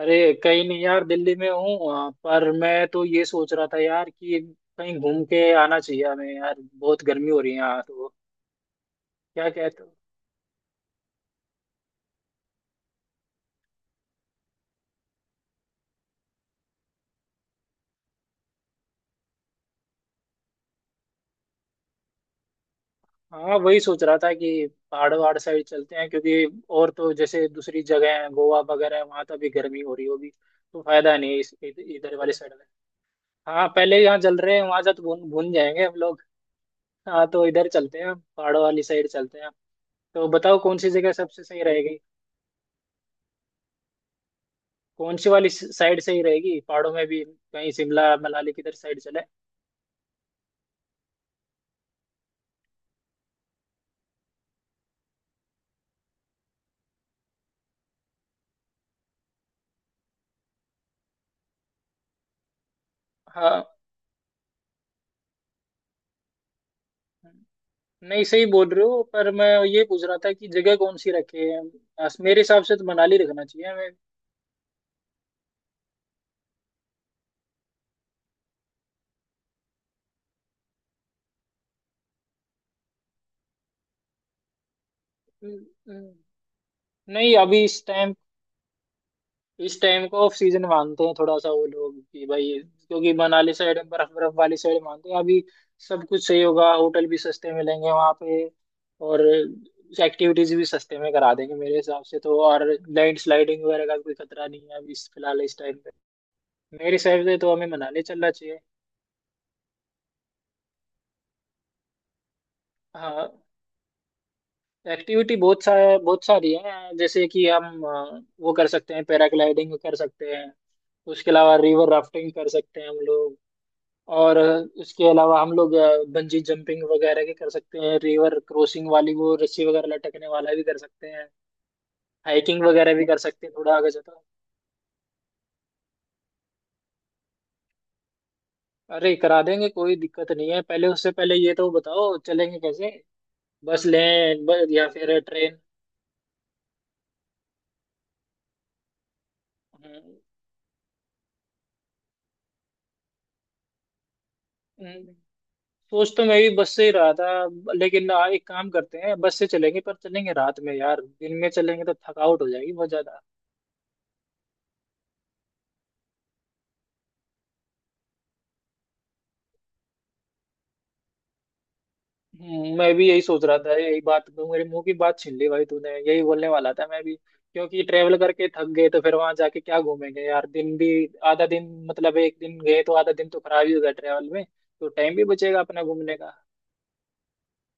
अरे, कहीं नहीं यार, दिल्ली में हूँ, पर मैं तो ये सोच रहा था यार कि कहीं घूम के आना चाहिए हमें यार, बहुत गर्मी हो रही है यहाँ तो। क्या कहते हो? हाँ, वही सोच रहा था कि पहाड़ वहाड़ साइड चलते हैं, क्योंकि और तो जैसे दूसरी जगह है, गोवा वगैरह है, वहाँ तो अभी गर्मी हो रही होगी, तो फायदा नहीं है इधर वाली साइड में। हाँ, पहले यहाँ जल रहे हैं, वहाँ से तो भून भून जाएंगे हम लोग। हाँ, तो इधर चलते हैं, पहाड़ों वाली साइड चलते हैं। तो बताओ कौन सी जगह सबसे सही रहेगी? कौन सी वाली साइड सही रहेगी? पहाड़ों में भी कहीं शिमला मनाली, किधर साइड चले? हाँ। नहीं, सही बोल रहे हो, पर मैं ये पूछ रहा था कि जगह कौन सी रखे। मेरे हिसाब से तो मनाली रखना चाहिए हमें। हम्म। हम्म। नहीं, अभी इस टाइम, इस टाइम को ऑफ सीजन मानते हैं थोड़ा सा वो लोग कि भाई, क्योंकि मनाली साइड बर्फ बर्फ वाली साइड मानते हैं अभी। सब कुछ सही होगा, होटल भी सस्ते मिलेंगे वहाँ पे। और एक्टिविटीज भी सस्ते में करा देंगे मेरे हिसाब से तो, और लैंड स्लाइडिंग वगैरह का कोई खतरा नहीं है अभी, इस फिलहाल इस टाइम पे। मेरे हिसाब से तो हमें मनाली चलना चाहिए। हाँ। एक्टिविटी बहुत सारी है। जैसे कि हम वो कर सकते हैं, पैराग्लाइडिंग कर सकते हैं। उसके अलावा रिवर राफ्टिंग कर सकते हैं हम लोग। और इसके अलावा हम लोग बंजी जंपिंग वगैरह भी कर सकते हैं, रिवर क्रॉसिंग वाली वो रस्सी वगैरह लटकने वाला भी कर सकते हैं। हाइकिंग वगैरह भी कर सकते हैं थोड़ा आगे जाता। अरे, करा देंगे, कोई दिक्कत नहीं है। पहले उससे पहले ये तो बताओ, चलेंगे कैसे? बस लें, या फिर ट्रेन? हम्म। हम्म। सोच तो मैं भी बस से ही रहा था, लेकिन एक काम करते हैं, बस से चलेंगे पर चलेंगे रात में यार, दिन में चलेंगे तो थकावट हो जाएगी बहुत ज्यादा। मैं भी यही सोच रहा था, यही बात मेरे मुंह की बात छीन ली भाई तूने, यही बोलने वाला था मैं भी, क्योंकि ट्रेवल करके थक गए तो फिर वहां जाके क्या घूमेंगे यार? दिन भी आधा दिन, मतलब एक दिन गए तो आधा दिन तो खराब ही होगा ट्रेवल में। तो टाइम भी बचेगा अपना घूमने का,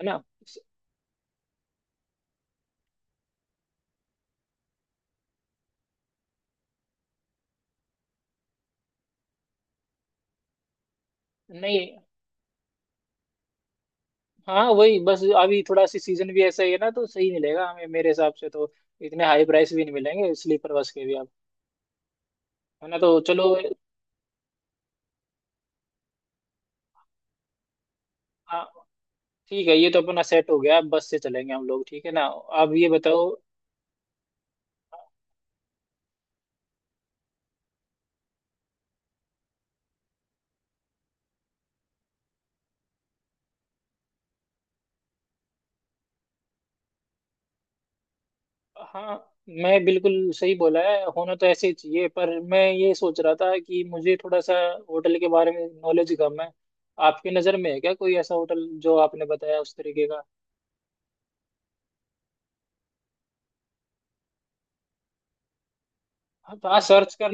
है ना? नहीं, हाँ, वही बस, अभी थोड़ा सी सीजन भी ऐसा ही है ना, तो सही मिलेगा हमें मेरे हिसाब से तो। इतने हाई प्राइस भी नहीं मिलेंगे स्लीपर बस के भी अब। है ना, तो चलो। हाँ। ठीक है, ये तो अपना सेट हो गया, अब बस से चलेंगे हम लोग, ठीक है ना? अब ये बताओ। हाँ, मैं बिल्कुल सही बोला है, होना तो ऐसे ही चाहिए, पर मैं ये सोच रहा था कि मुझे थोड़ा सा होटल के बारे में नॉलेज कम है। आपकी नज़र में है क्या कोई ऐसा होटल जो आपने बताया उस तरीके का? हाँ, तो आज सर्च कर।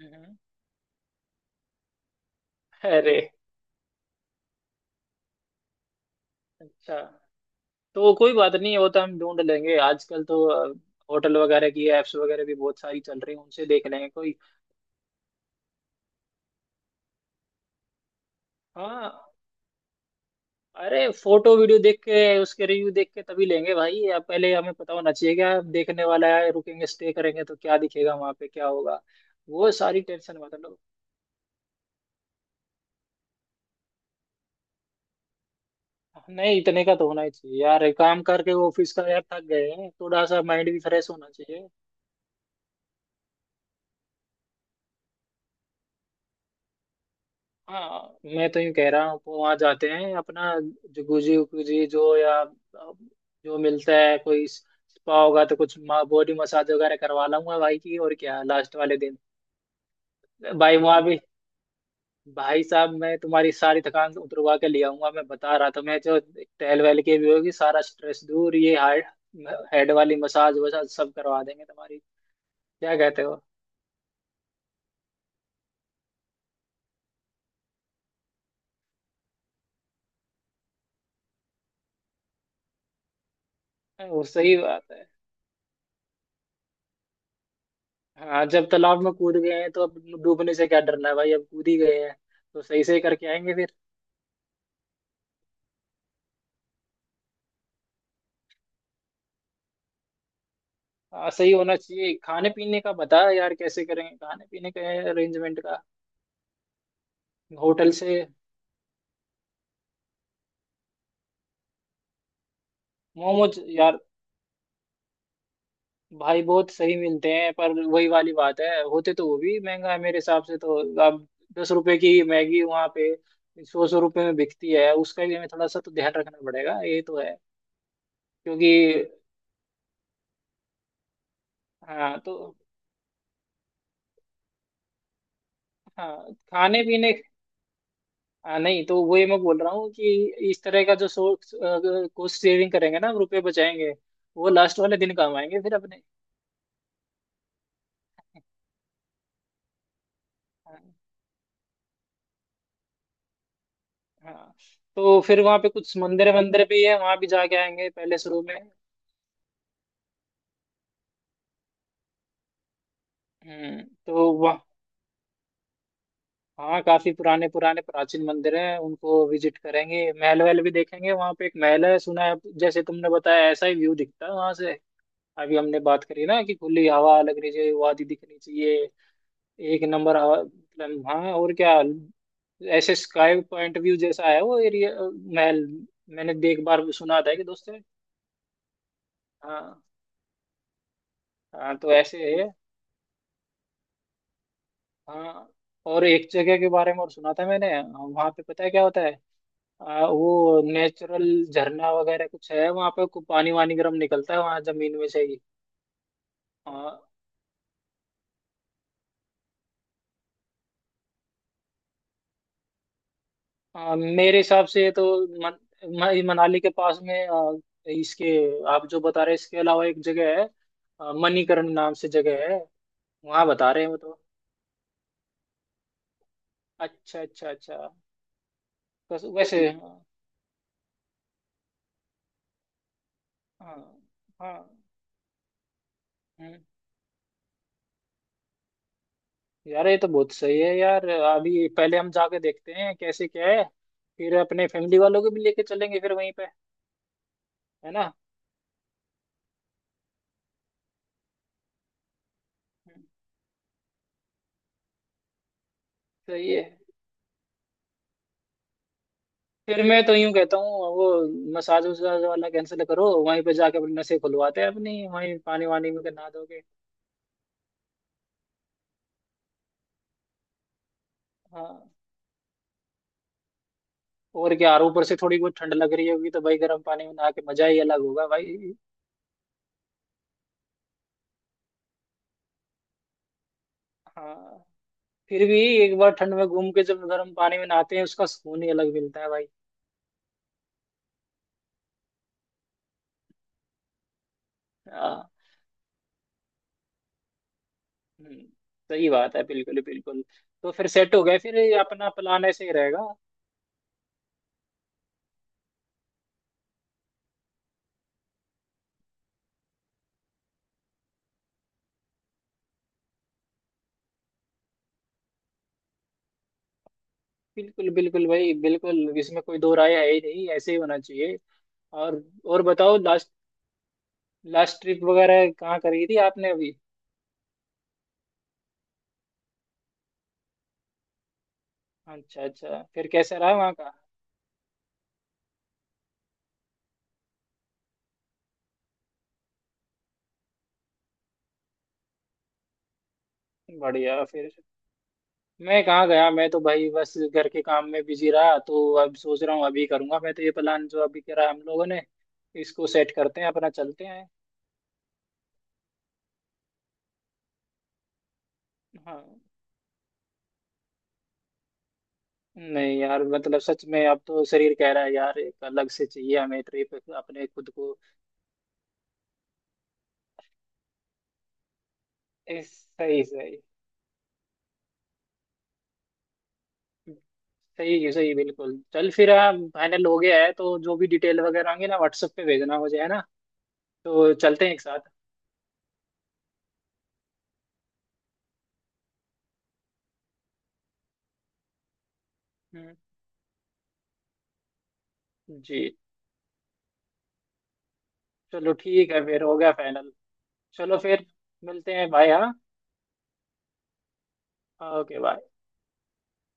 हम्म। अरे। अच्छा, तो कोई बात नहीं, वो तो हम ढूंढ लेंगे। आजकल तो होटल वगैरह की एप्स वगैरह भी बहुत सारी चल रही हैं, उनसे देख लेंगे कोई। हाँ। अरे, फोटो वीडियो देख के, उसके रिव्यू देख के तभी लेंगे भाई। अब पहले हमें पता होना चाहिए क्या देखने वाला है, रुकेंगे स्टे करेंगे तो क्या दिखेगा वहां पे, क्या होगा, वो सारी टेंशन, मतलब। नहीं, इतने का तो होना ही चाहिए यार, काम करके ऑफिस का यार थक गए हैं, थोड़ा सा माइंड भी फ्रेश होना चाहिए। हाँ, मैं तो यूँ कह रहा हूँ, वहां जाते हैं अपना, जो गुजी गुजी जो, या जो मिलता है, कोई स्पा होगा तो कुछ बॉडी मसाज वगैरह करवा लाऊंगा भाई की, और क्या, लास्ट वाले दिन। भाई, वहां भी, भाई साहब, मैं तुम्हारी सारी थकान उतरवा के ले आऊंगा, मैं बता रहा था मैं, जो टहल वहल के भी होगी, सारा स्ट्रेस दूर, ये हार्ट हेड वाली मसाज वसाज सब करवा देंगे तुम्हारी। क्या कहते हो? वो सही बात है। हाँ, जब तालाब में कूद गए हैं तो अब डूबने से क्या डरना है भाई, अब कूद ही गए हैं तो सही से करके आएंगे फिर। हाँ, सही होना चाहिए। खाने पीने का बता यार, कैसे करेंगे खाने पीने का अरेंजमेंट का। होटल से। मोमोज यार, भाई बहुत सही मिलते हैं, पर वही वाली बात है, होते तो वो भी महंगा है मेरे हिसाब से तो। अब दस रुपए की मैगी वहाँ पे सौ सौ रुपए में बिकती है, उसका भी हमें थोड़ा सा तो ध्यान रखना पड़ेगा, ये तो है। क्योंकि। हाँ। तो हाँ, खाने पीने। हाँ, नहीं तो वही मैं बोल रहा हूँ कि इस तरह का जो सोर्स, कॉस्ट सेविंग करेंगे ना, रुपए बचाएंगे, वो लास्ट वाले दिन काम आएंगे फिर अपने। हाँ। हाँ। तो फिर वहाँ पे कुछ मंदिर मंदिर भी है, वहाँ भी जाके आएंगे पहले शुरू में। हम्म तो हाँ, काफी पुराने पुराने प्राचीन मंदिर हैं, उनको विजिट करेंगे। महल वहल भी देखेंगे, वहां पे एक महल है सुना है, जैसे तुमने बताया ऐसा ही व्यू दिखता है वहां से। अभी हमने बात करी ना कि खुली हवा लगनी चाहिए, वादी दिखनी चाहिए। एक नंबर हवा, मतलब हाँ, और क्या, ऐसे स्काई पॉइंट व्यू जैसा है वो एरिया, महल। मैंने भी एक बार सुना था कि दोस्त है। हाँ। हाँ, तो ऐसे है। हाँ, और एक जगह के बारे में और सुना था मैंने, वहां पे पता है क्या होता है? वो नेचुरल झरना वगैरह कुछ है वहां पे, को पानी वानी गर्म निकलता है वहां जमीन में से ही। आ, आ, मेरे हिसाब से ये तो मन, मनाली के पास में, इसके, आप जो बता रहे हैं इसके अलावा एक जगह है, मणिकरण नाम से जगह है। वहां बता रहे हैं वो तो। अच्छा, अच्छा, अच्छा। बस वैसे, हाँ। हाँ। हाँ। हम्म। यार, ये तो बहुत सही है यार, अभी पहले हम जाके देखते हैं कैसे क्या है, फिर अपने फैमिली वालों को भी लेके चलेंगे फिर वहीं पे। है ना। सही है। फिर मैं तो यूं कहता हूँ वो मसाज वसाज वाला कैंसिल करो, वहीं पे जाके अपनी नसें खुलवाते हैं अपनी, वहीं पानी वानी में नहा दोगे। हाँ, और क्या, और ऊपर से थोड़ी बहुत ठंड लग रही होगी तो भाई गर्म पानी में नहा के मजा ही अलग होगा भाई। हाँ, फिर भी एक बार ठंड में घूम के जब गर्म पानी में नहाते हैं उसका सुकून ही अलग मिलता है भाई। हाँ। हम्म, सही बात है, बिल्कुल बिल्कुल। तो फिर सेट हो गए, फिर ये अपना प्लान ऐसे ही रहेगा। बिल्कुल बिल्कुल भाई बिल्कुल, इसमें कोई दो राय है ही नहीं, ऐसे ही होना चाहिए। और और बताओ, लास्ट लास्ट ट्रिप वगैरह कहाँ करी थी आपने अभी? अच्छा, अच्छा, फिर कैसा रहा वहाँ का? बढ़िया, फिर। मैं कहाँ गया? मैं तो भाई बस घर के काम में बिजी रहा, तो अब सोच रहा हूँ अभी करूँगा, मैं तो ये प्लान जो अभी करा हम लोगों ने इसको सेट करते हैं अपना, चलते हैं। हाँ, नहीं यार, मतलब सच में अब तो शरीर कह रहा है यार, एक अलग से चाहिए हमें ट्रिप अपने खुद को। सही सही। सही है, सही है, बिल्कुल चल फिर। हाँ, फाइनल हो गया है, तो जो भी डिटेल वगैरह आएंगे ना व्हाट्सएप पे भेजना मुझे, है ना, तो चलते हैं एक साथ। हम्म। जी, चलो, ठीक है, फिर हो गया फाइनल। चलो फिर मिलते हैं, बाय। हाँ, ओके बाय।